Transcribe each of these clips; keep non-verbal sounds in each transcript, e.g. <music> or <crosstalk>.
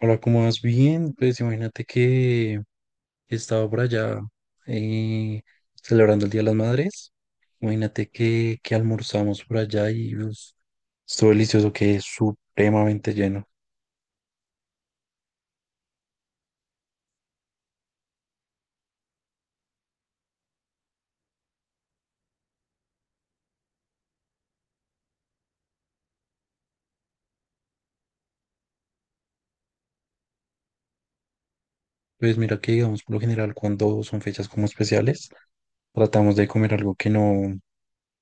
Hola, ¿cómo vas? Bien, pues imagínate que estaba por allá eh, celebrando el Día de las Madres. Imagínate que almorzamos por allá y pues, estuvo delicioso, que es supremamente lleno. Pues mira que digamos, por lo general, cuando son fechas como especiales, tratamos de comer algo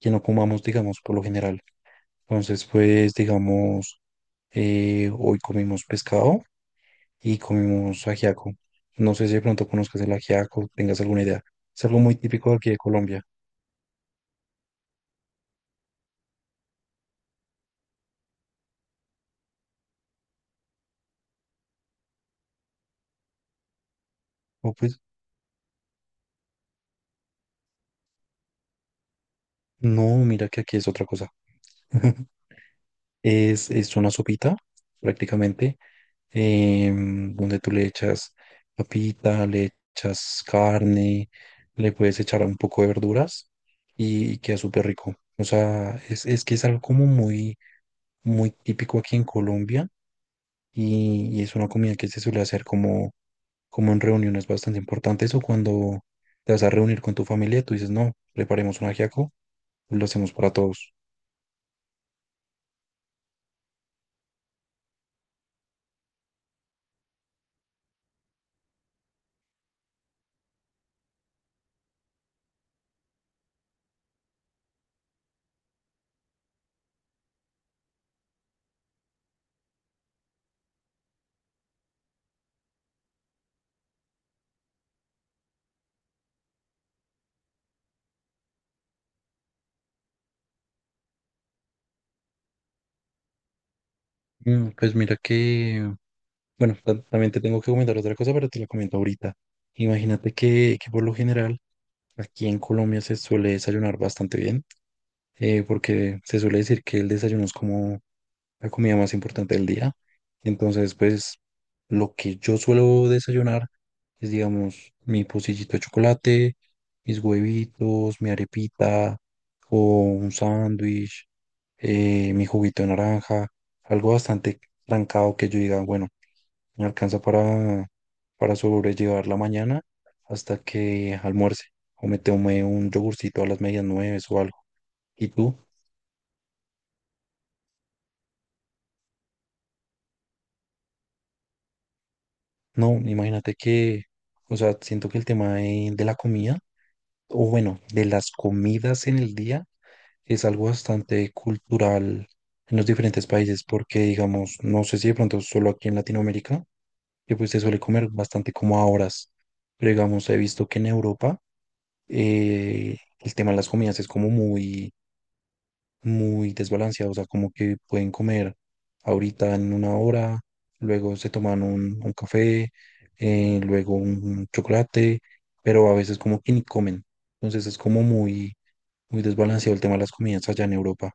que no comamos, digamos, por lo general. Entonces, pues digamos, hoy comimos pescado y comimos ajiaco. No sé si de pronto conozcas el ajiaco, tengas alguna idea. Es algo muy típico de aquí de Colombia. O pues, no, mira que aquí es otra cosa. <laughs> Es una sopita, prácticamente, donde tú le echas papita, le echas carne, le puedes echar un poco de verduras y queda súper rico. O sea, es que es algo como muy, muy típico aquí en Colombia y es una comida que se suele hacer como en reuniones bastante importantes o cuando te vas a reunir con tu familia, tú dices, no, preparemos un ajiaco, lo hacemos para todos. Pues mira que bueno, también te tengo que comentar otra cosa, pero te la comento ahorita. Imagínate que por lo general aquí en Colombia se suele desayunar bastante bien, porque se suele decir que el desayuno es como la comida más importante del día. Entonces, pues lo que yo suelo desayunar es, digamos, mi pocillito de chocolate, mis huevitos, mi arepita o un sándwich, mi juguito de naranja, algo bastante trancado que yo diga, bueno. Me alcanza para sobrellevar la mañana hasta que almuerce o me tome un yogurcito a las medias nueve o algo. ¿Y tú? No, imagínate que, o sea, siento que el tema de la comida, o bueno, de las comidas en el día, es algo bastante cultural en los diferentes países, porque digamos, no sé si de pronto solo aquí en Latinoamérica, que pues se suele comer bastante como a horas, pero digamos, he visto que en Europa el tema de las comidas es como muy muy desbalanceado, o sea, como que pueden comer ahorita en una hora, luego se toman un café, luego un chocolate, pero a veces como que ni comen. Entonces es como muy, muy desbalanceado el tema de las comidas allá en Europa.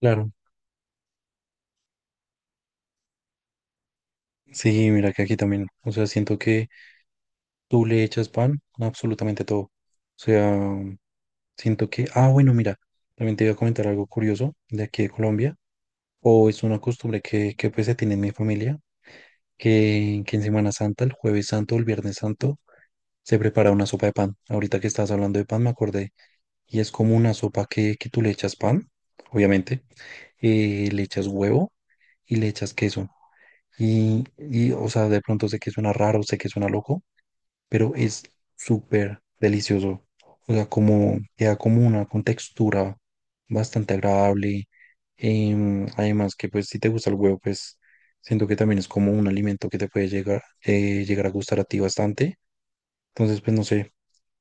Claro. Sí, mira que aquí también, o sea, siento que tú le echas pan a absolutamente todo. O sea, siento que, ah, bueno, mira, también te iba a comentar algo curioso de aquí de Colombia, o es una costumbre que pues se tiene en mi familia que en Semana Santa, el jueves santo o el viernes santo, se prepara una sopa de pan. Ahorita que estás hablando de pan, me acordé. Y es como una sopa que tú le echas pan, obviamente, le echas huevo y le echas queso. Y, o sea, de pronto sé que suena raro, sé que suena loco, pero es súper delicioso. O sea, como queda como una con textura bastante agradable. Además que pues si te gusta el huevo, pues siento que también es como un alimento que te puede llegar, llegar a gustar a ti bastante. Entonces, pues no sé,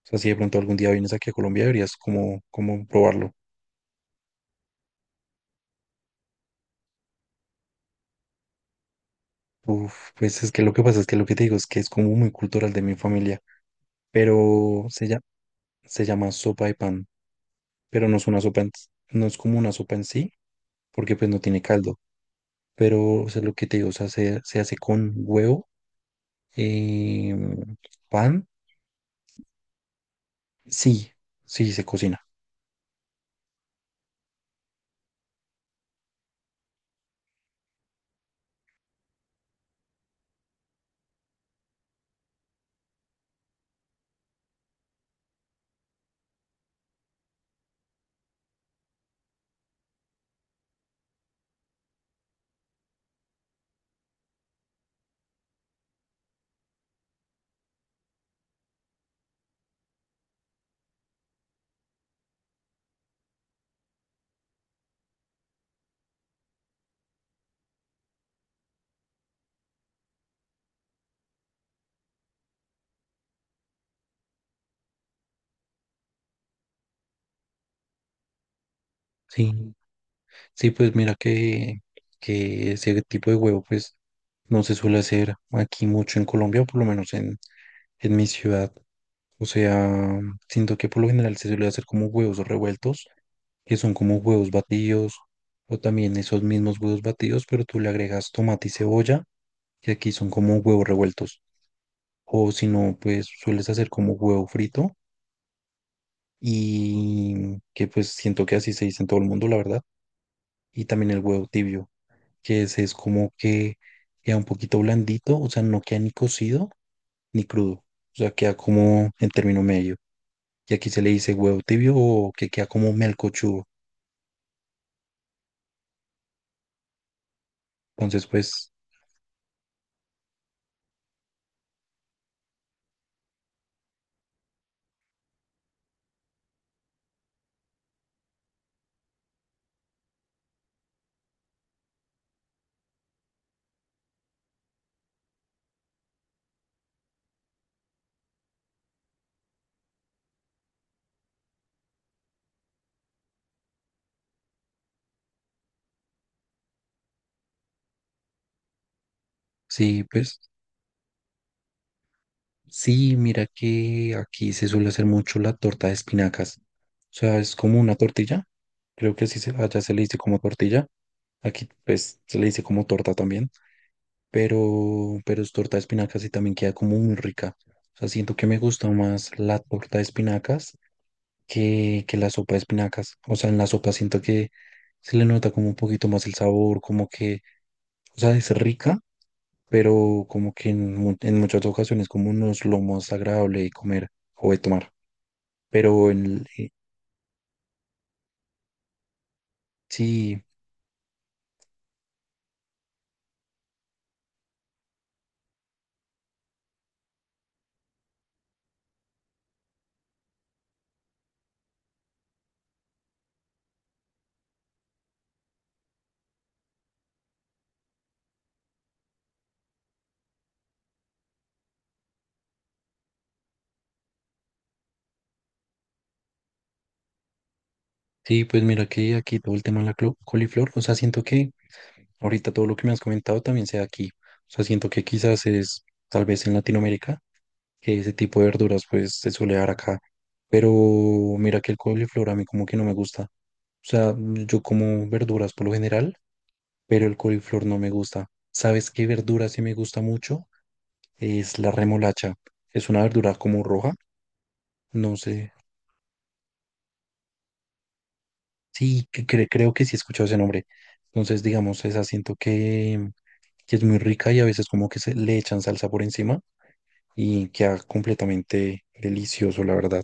o sea, si de pronto algún día vienes aquí a Colombia, deberías como, como probarlo. Uf, pues es que lo que pasa es que lo que te digo es que es como muy cultural de mi familia, pero se llama sopa de pan, pero no es una sopa, no es como una sopa en sí, porque pues no tiene caldo. Pero, o sea, lo que te digo, o sea, se hace con huevo, eh, pan, sí, sí, se cocina. Sí, sí, pues mira que ese tipo de huevo, pues no se suele hacer aquí mucho en Colombia, o por lo menos en mi ciudad. O sea, siento que por lo general se suele hacer como huevos revueltos, que son como huevos batidos, o también esos mismos huevos batidos, pero tú le agregas tomate y cebolla, que aquí son como huevos revueltos. O si no, pues sueles hacer como huevo frito y que pues siento que así se dice en todo el mundo, la verdad. Y también el huevo tibio, que ese es como que queda un poquito blandito, o sea, no queda ni cocido ni crudo, o sea, queda como en término medio. Y aquí se le dice huevo tibio o que queda como melcochudo. Entonces, pues sí, pues sí, mira que aquí se suele hacer mucho la torta de espinacas. O sea, es como una tortilla. Creo que así se, allá se le dice como tortilla. Aquí pues se le dice como torta también. Pero es torta de espinacas y también queda como muy rica. O sea, siento que me gusta más la torta de espinacas que la sopa de espinacas. O sea, en la sopa siento que se le nota como un poquito más el sabor, como que, o sea, es rica pero como que en, en muchas ocasiones como no es lo más agradable de comer o de tomar. Pero en, sí, sí, pues mira que aquí todo el tema de la coliflor, o sea, siento que ahorita todo lo que me has comentado también sea aquí. O sea, siento que quizás es tal vez en Latinoamérica, que ese tipo de verduras pues se suele dar acá. Pero mira que el coliflor a mí como que no me gusta. O sea, yo como verduras por lo general, pero el coliflor no me gusta. ¿Sabes qué verdura sí me gusta mucho? Es la remolacha. Es una verdura como roja, no sé. Sí, que creo que sí he escuchado ese nombre. Entonces, digamos, esa siento que es muy rica y a veces como que se le echan salsa por encima y queda completamente delicioso, la verdad.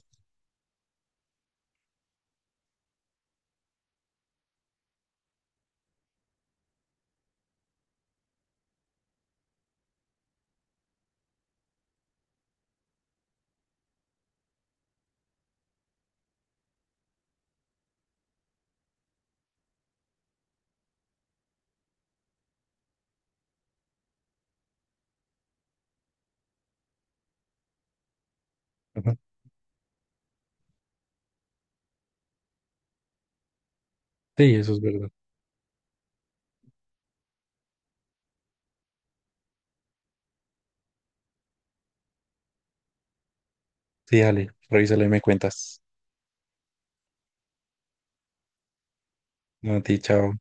Ajá. Sí, eso es verdad. Sí, dale, revísala y me cuentas. A ti, chao.